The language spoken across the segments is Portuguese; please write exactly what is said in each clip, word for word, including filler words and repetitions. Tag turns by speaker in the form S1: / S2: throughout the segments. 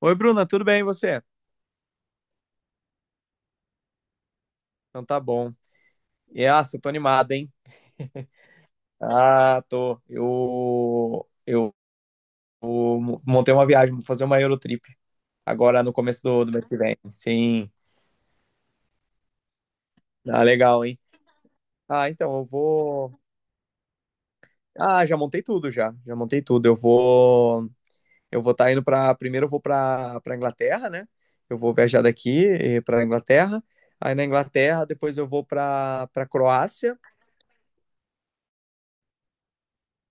S1: Oi, Bruna, tudo bem e você? Então tá bom. E ah, eu tô animado, hein? Ah, tô. Eu, eu montei uma viagem, vou fazer uma Eurotrip agora no começo do, do mês que vem. Sim, ah, legal, hein? Ah, então eu vou. Ah, já montei tudo já. Já montei tudo. Eu vou. Eu vou estar tá indo pra. Primeiro eu vou pra, pra Inglaterra, né? Eu vou viajar daqui eh, pra Inglaterra. Aí na Inglaterra, depois eu vou pra, pra Croácia.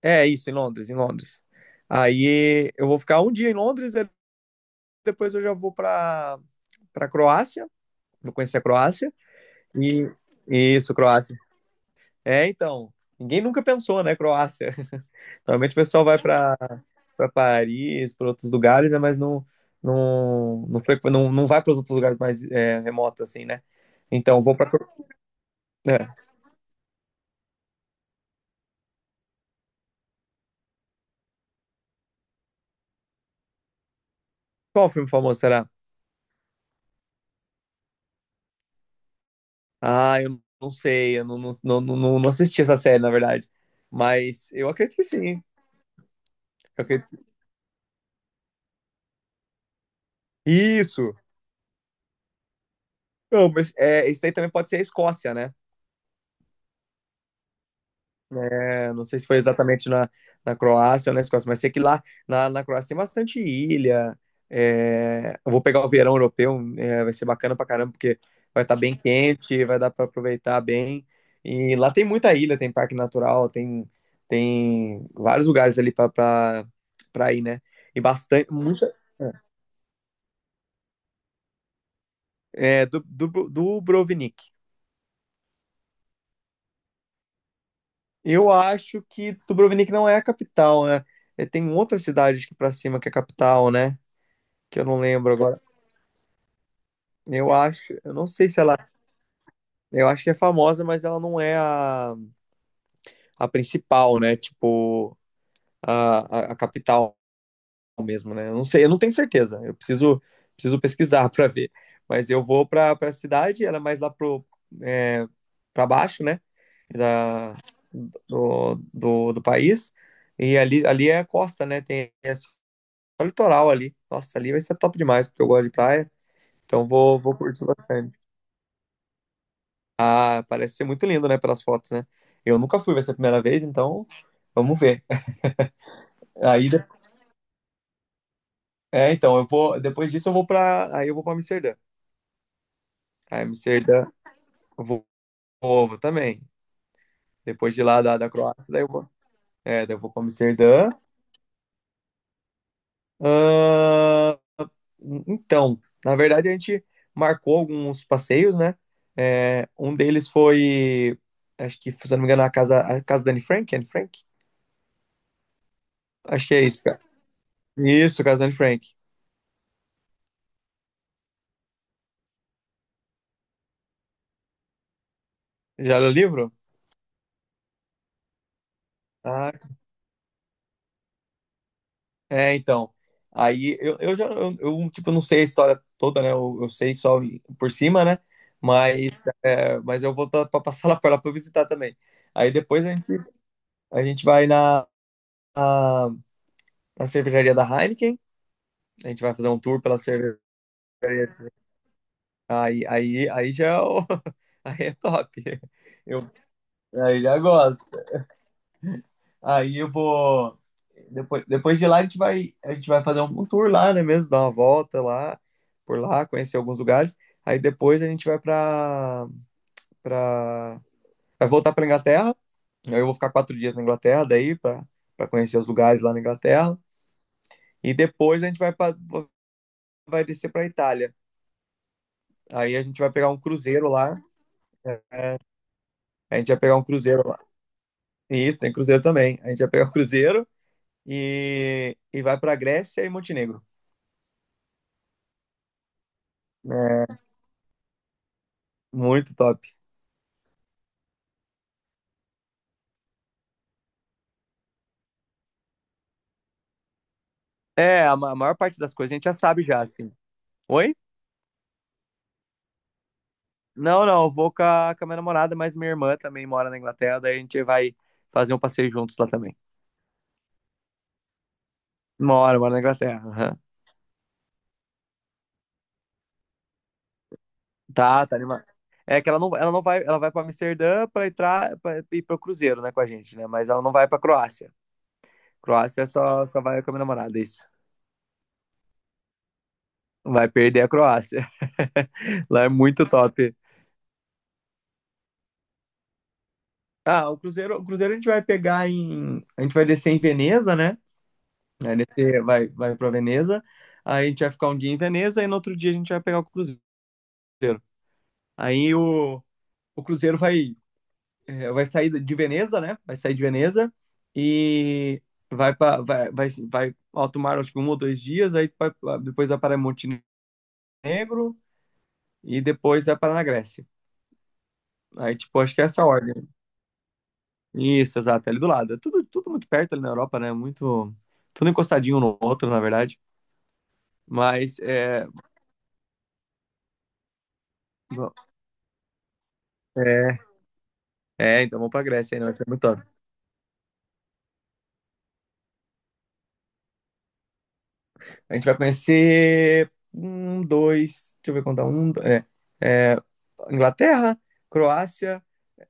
S1: É isso, em Londres, em Londres. Aí eu vou ficar um dia em Londres, aí depois eu já vou para para Croácia, vou conhecer a Croácia. E isso, Croácia. É, então, ninguém nunca pensou, né, Croácia. Normalmente o pessoal vai para para Paris, para outros lugares, né, mas não não não, frequ- não, não vai para os outros lugares mais é, remotos assim, né? Então, vou para é. Qual filme famoso será? Ah, eu não sei, eu não, não, não, não, não assisti essa série, na verdade. Mas eu acredito que sim. Eu acredito- Isso! Não, mas é, isso daí também pode ser a Escócia, né? É, não sei se foi exatamente na, na Croácia ou na Escócia, mas sei que lá na, na Croácia tem bastante ilha. É, eu vou pegar o verão europeu, é, vai ser bacana pra caramba, porque vai estar bem quente, vai dar pra aproveitar bem. E lá tem muita ilha, tem parque natural, tem, tem vários lugares ali pra, pra, pra ir, né? E bastante, muita, é, do, do, Dubrovnik. Eu acho que Dubrovnik não é a capital, né? É, tem outra cidade aqui pra cima que é a capital, né? Que eu não lembro agora. Eu acho, eu não sei se ela, eu acho que é famosa, mas ela não é a, a principal, né? Tipo, a, a, a capital mesmo, né? Eu não sei, eu não tenho certeza. Eu preciso, preciso pesquisar para ver. Mas eu vou para para a cidade, ela é mais lá pro é, para baixo, né? Da, do, do, do país. E ali, ali é a costa, né? Tem é só litoral ali. Nossa, ali vai ser top demais, porque eu gosto de praia. Então vou, vou curtir bastante. Ah, parece ser muito lindo, né, pelas fotos, né? Eu nunca fui, vai ser a primeira vez, então vamos ver. Aí, de- é, então, eu vou, depois disso eu vou para, aí eu vou para Amsterdã. Aí Amsterdã, eu vou, vou, vou também. Depois de lá da, da Croácia, daí eu vou, é, daí eu vou para Amsterdã. Ahn, então, na verdade a gente marcou alguns passeios, né? É, um deles foi, acho que, se eu não me engano, a casa, a casa da Anne Frank, Anne Frank? Acho que é isso, cara. Isso, casa da Anne Frank. Já leu o livro? Ah, é, então. Aí eu, eu já, eu, eu, tipo, não sei a história toda, né? Eu, eu sei só por cima, né? Mas, é, mas eu vou pra, pra passar lá pra lá pra eu visitar também. Aí depois a gente, a gente vai na, na, na cervejaria da Heineken, a gente vai fazer um tour pela cervejaria. Aí, aí, aí já é o- aí é top. Eu, aí já gosto. Aí eu vou. Depois, depois de lá a gente vai, a gente vai fazer um tour lá, né mesmo? Dar uma volta lá, por lá, conhecer alguns lugares. Aí depois a gente vai pra, pra... vai voltar pra Inglaterra. Aí eu vou ficar quatro dias na Inglaterra daí, pra, pra conhecer os lugares lá na Inglaterra. E depois a gente vai, pra, vai descer pra Itália. Aí a gente vai pegar um cruzeiro lá, né? A gente vai pegar um cruzeiro lá. Isso, tem cruzeiro também. A gente vai pegar o cruzeiro e, e vai pra Grécia e Montenegro. É, muito top. É, a ma- a maior parte das coisas a gente já sabe já, assim. Oi? Não, não, eu vou com a, com a minha namorada, mas minha irmã também mora na Inglaterra, daí a gente vai fazer um passeio juntos lá também. Mora, mora na Inglaterra. Aham. Tá, tá animado. É que ela não, ela não vai, ela vai para Amsterdã para entrar pra, ir pro cruzeiro, né, com a gente, né? Mas ela não vai para Croácia. Croácia só só vai com a minha namorada, isso. Vai perder a Croácia. Lá é muito top. Ah, o cruzeiro, o cruzeiro a gente vai pegar em, a gente vai descer em Veneza, né? Aí nesse vai, vai para Veneza, aí a gente vai ficar um dia em Veneza e no outro dia a gente vai pegar o cruzeiro. Aí o, o cruzeiro vai, eh, vai sair de Veneza, né? Vai sair de Veneza e vai para vai, vai, vai alto mar acho que um ou dois dias, aí vai- depois vai para Montenegro e depois vai para na Grécia. Aí tipo, acho que é essa a ordem. Isso, exato, é ali do lado. É tudo, tudo muito perto ali na Europa, né? Muito, tudo encostadinho um no outro, na verdade. Mas é, é, é, então vamos pra Grécia aí, não, vai ser muito top. A gente vai conhecer um, dois, deixa eu ver contar, um, do- é, é, Inglaterra, Croácia,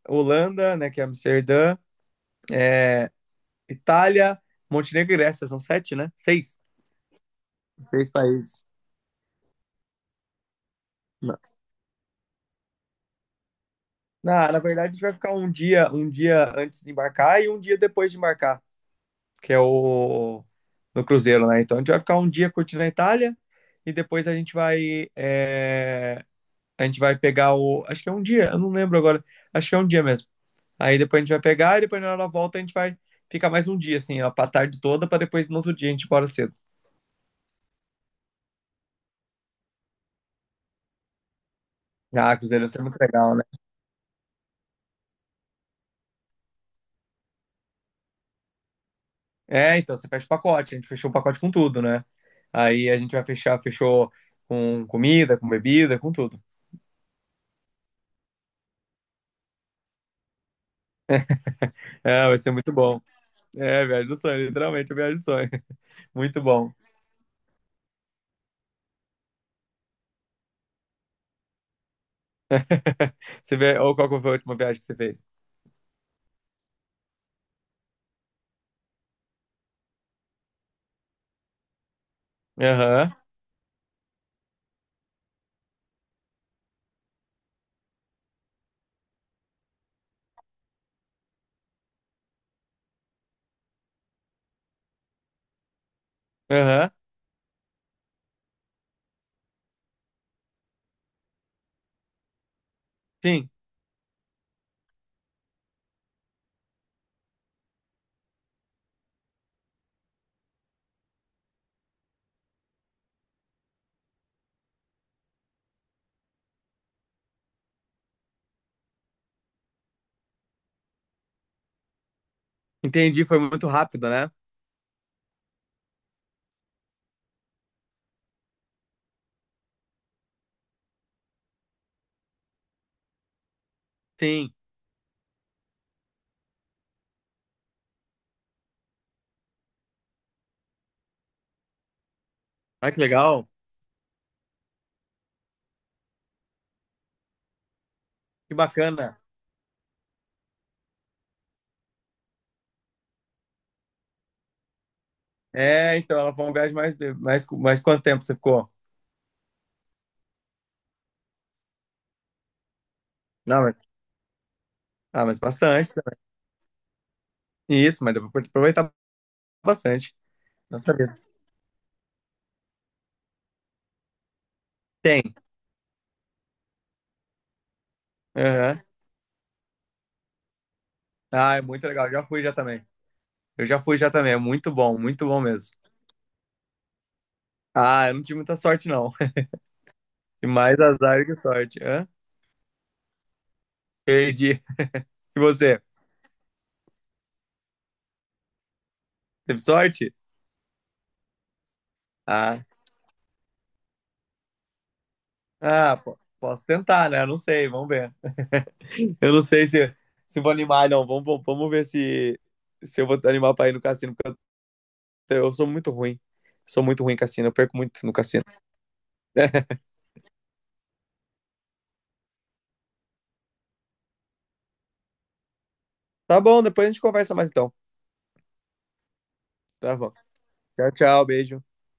S1: Holanda, né, que é Amsterdã, Itália, Montenegro e Grécia, são sete, né? Seis. Seis países. Na, na na verdade, a gente vai ficar um dia, um dia antes de embarcar e um dia depois de embarcar, que é o no cruzeiro, né? Então a gente vai ficar um dia curtindo a Itália e depois a gente vai é, a gente vai pegar o. Acho que é um dia, eu não lembro agora. Acho que é um dia mesmo. Aí depois a gente vai pegar e depois na hora da volta a gente vai ficar mais um dia, assim, ó, pra tarde toda, pra depois no outro dia a gente ir embora cedo. Ah, cruzeiro, isso ser muito legal, né? É, então, você fecha o pacote, a gente fechou o pacote com tudo, né? Aí a gente vai fechar, fechou com comida, com bebida, com tudo. É, vai ser muito bom. É, viagem do sonho, literalmente, viagem do sonho. Muito bom. Você vê, ou qual que foi a última viagem que você fez? Aham, aham. Sim, entendi, foi muito rápido, né? Sim. Ah, que legal. Que bacana. É, então, ela foi uma viagem mais, mais, mais quanto tempo você ficou? Não, mas, ah, mas bastante, né? Isso, mas deu pra aproveitar bastante. Nossa vida. Tem. Aham. Ah, é muito legal. Já fui já também. Eu já fui já também. É muito bom, muito bom mesmo. Ah, eu não tive muita sorte, não. Tive mais azar que sorte. Hã? Perdi. E você? Teve sorte? Ah, ah, po- posso tentar, né? Não sei, vamos ver. Eu não sei se, se vou animar, não. Vamos, vamos, vamos ver se, se eu vou animar pra ir no cassino. Eu sou muito ruim. Sou muito ruim em cassino. Eu perco muito no cassino. Tá bom, depois a gente conversa mais então. Tá bom. Tchau, tchau. Beijo.